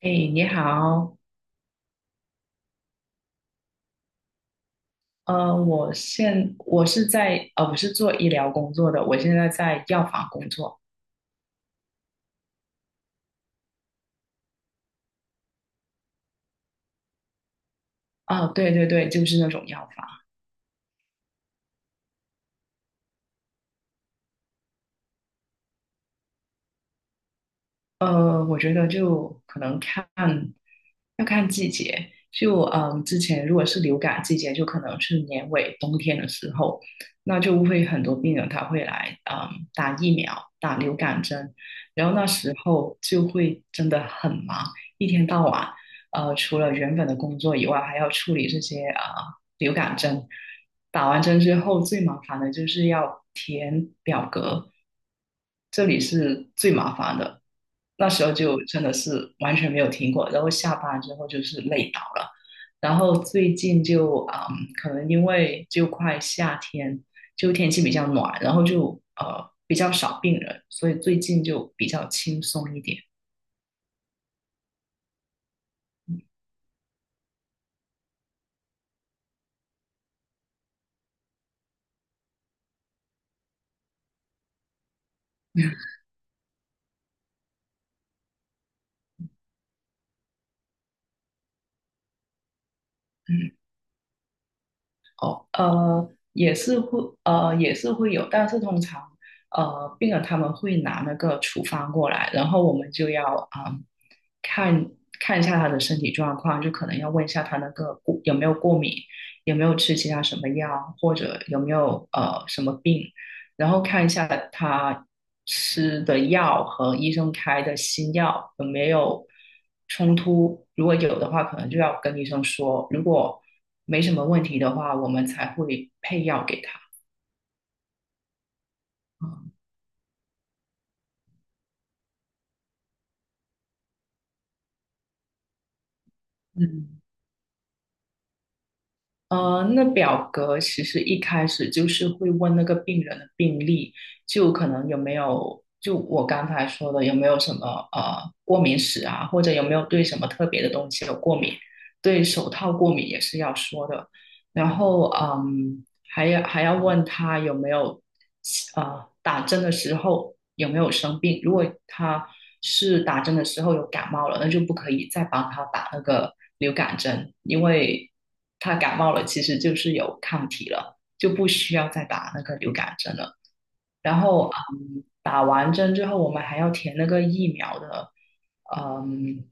哎，你好，呃，我现我是在呃，我是做医疗工作的，我现在在药房工作。啊，对对对，就是那种药房。我觉得就可能看，要看季节。之前如果是流感季节，就可能是年尾冬天的时候，那就会很多病人他会来打疫苗、打流感针，然后那时候就会真的很忙，一天到晚，除了原本的工作以外，还要处理这些流感针。打完针之后，最麻烦的就是要填表格，这里是最麻烦的。那时候就真的是完全没有听过，然后下班之后就是累倒了，然后最近,可能因为就快夏天，就天气比较暖，然后就比较少病人，所以最近就比较轻松一点，嗯。哦，也是会，也是会有，但是通常，病人他们会拿那个处方过来，然后我们就要，看看一下他的身体状况，就可能要问一下他那个过有没有过敏，有没有吃其他什么药，或者有没有什么病，然后看一下他吃的药和医生开的新药有没有冲突，如果有的话，可能就要跟医生说，如果没什么问题的话，我们才会配药给他。嗯。那表格其实一开始就是会问那个病人的病历，就可能有没有，就我刚才说的有没有什么过敏史啊，或者有没有对什么特别的东西有过敏，对手套过敏也是要说的。然后,还要问他有没有打针的时候有没有生病。如果他是打针的时候有感冒了，那就不可以再帮他打那个流感针，因为他感冒了其实就是有抗体了，就不需要再打那个流感针了。然后,打完针之后，我们还要填那个疫苗的，嗯，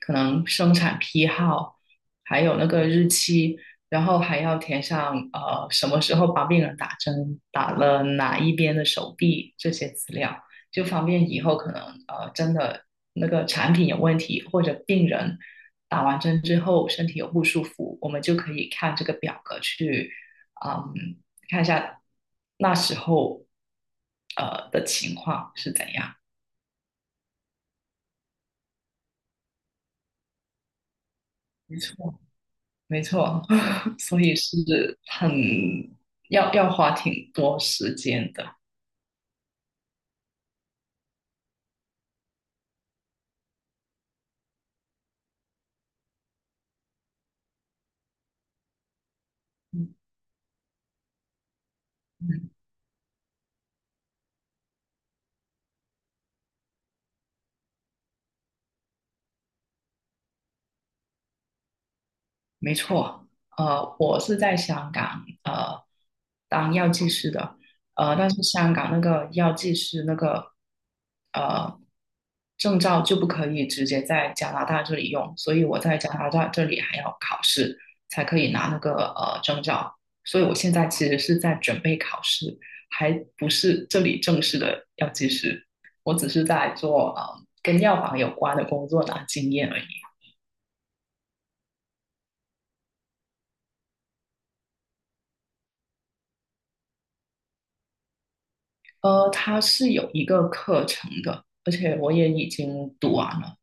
可能生产批号，还有那个日期，然后还要填上什么时候帮病人打针，打了哪一边的手臂这些资料，就方便以后可能真的那个产品有问题，或者病人打完针之后身体有不舒服，我们就可以看这个表格去。嗯。看一下那时候的情况是怎样。没错，没错，所以是很要花挺多时间的。嗯。嗯，没错，我是在香港当药剂师的，但是香港那个药剂师那个呃证照就不可以直接在加拿大这里用，所以我在加拿大这里还要考试才可以拿那个证照，所以我现在其实是在准备考试，还不是这里正式的药剂师，我只是在做跟药房有关的工作拿经验而已。它是有一个课程的，而且我也已经读完了，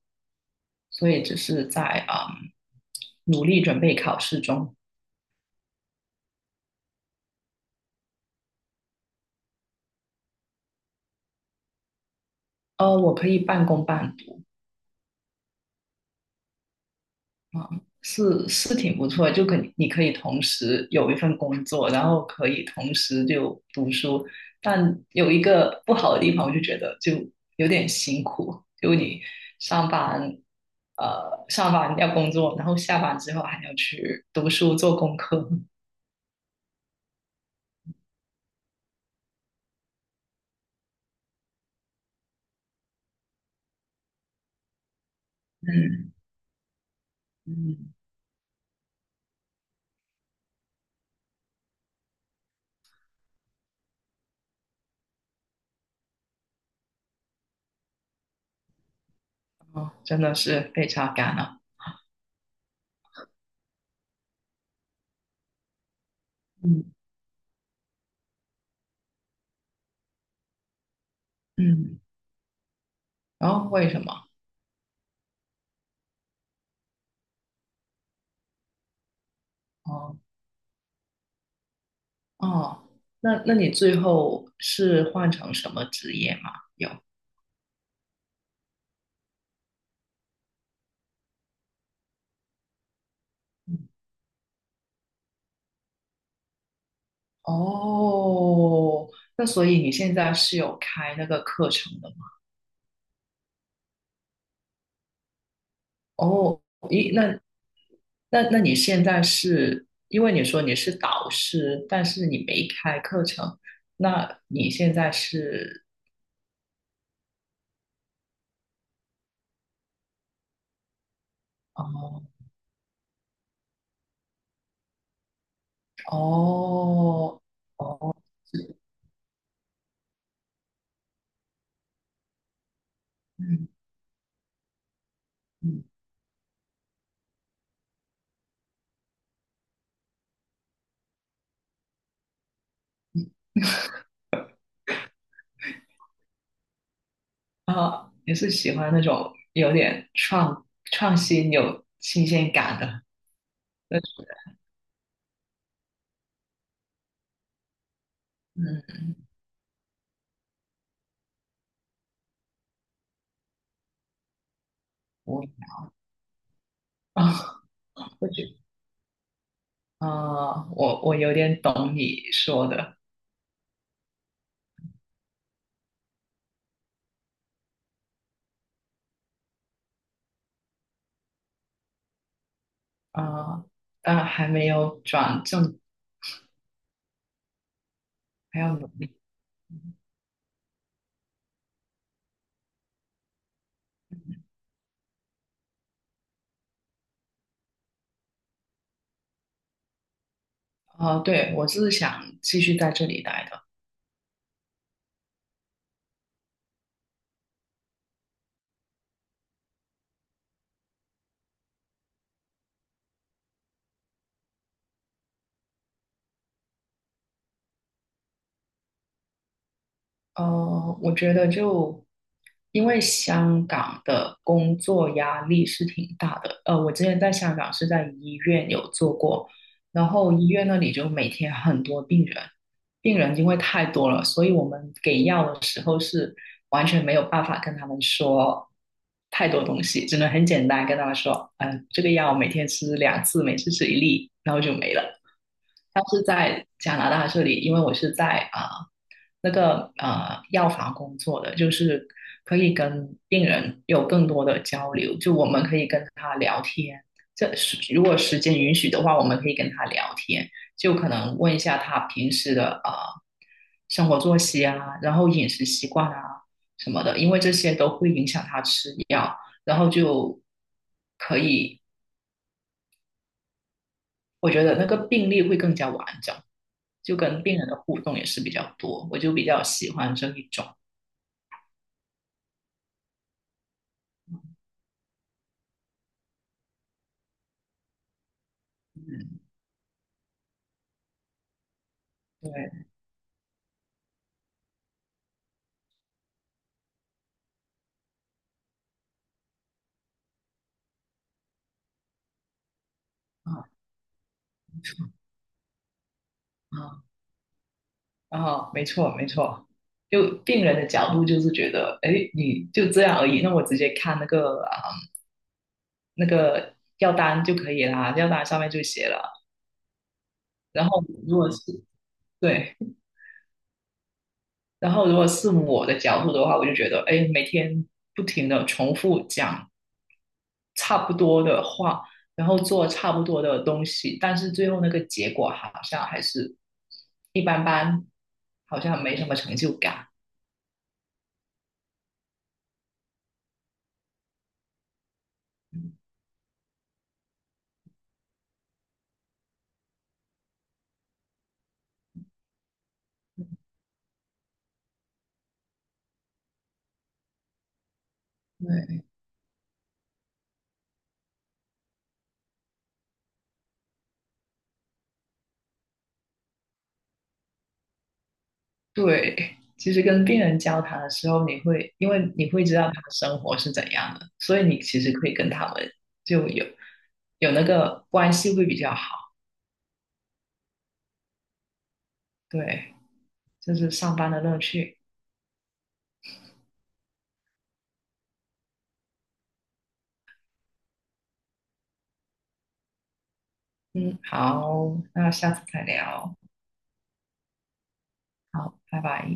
所以只是在努力准备考试中。我可以半工半读，是挺不错的，就你可以同时有一份工作，然后可以同时就读书。但有一个不好的地方，我就觉得就有点辛苦，就你上班。上班要工作，然后下班之后还要去读书做功课。嗯。嗯。真的是被榨干了。嗯。嗯，然后为什么？哦。哦，那那你最后是换成什么职业吗？有。嗯。哦，那所以你现在是有开那个课程的吗？哦，咦，那你现在是因为你说你是导师，但是你没开课程，那你现在是。哦。哦。哦，嗯。嗯。嗯啊，后也是喜欢那种有点创新、有新鲜感的那种人。嗯，我。啊，我觉。啊，我有点懂你说的。啊，但还没有转正，还要有。啊，哦对，我是想继续在这里待的。我觉得就因为香港的工作压力是挺大的。我之前在香港是在医院有做过，然后医院那里就每天很多病人，病人因为太多了，所以我们给药的时候是完全没有办法跟他们说太多东西，只能很简单跟他们说，这个药每天吃两次，每次吃一粒，然后就没了。像是在加拿大这里，因为我是在那个药房工作的，就是可以跟病人有更多的交流，就我们可以跟他聊天。这是如果时间允许的话，我们可以跟他聊天，就可能问一下他平时的啊生活作息啊，然后饮食习惯啊什么的，因为这些都会影响他吃药，然后就可以我觉得那个病例会更加完整，就跟病人的互动也是比较多，我就比较喜欢这一种。嗯，对，啊。啊。啊，没错没错，就病人的角度就是觉得，哎，你就这样而已，那我直接看那个那个药单就可以啦，药单上面就写了。然后如果是。对，然后如果是我的角度的话，我就觉得，哎，每天不停的重复讲差不多的话，然后做差不多的东西，但是最后那个结果好像还是一般般，好像没什么成就感。对。对，其实跟病人交谈的时候，你会因为你会知道他的生活是怎样的，所以你其实可以跟他们就有那个关系会比较好。对，这是上班的乐趣。嗯，好，那下次再聊。好，拜拜。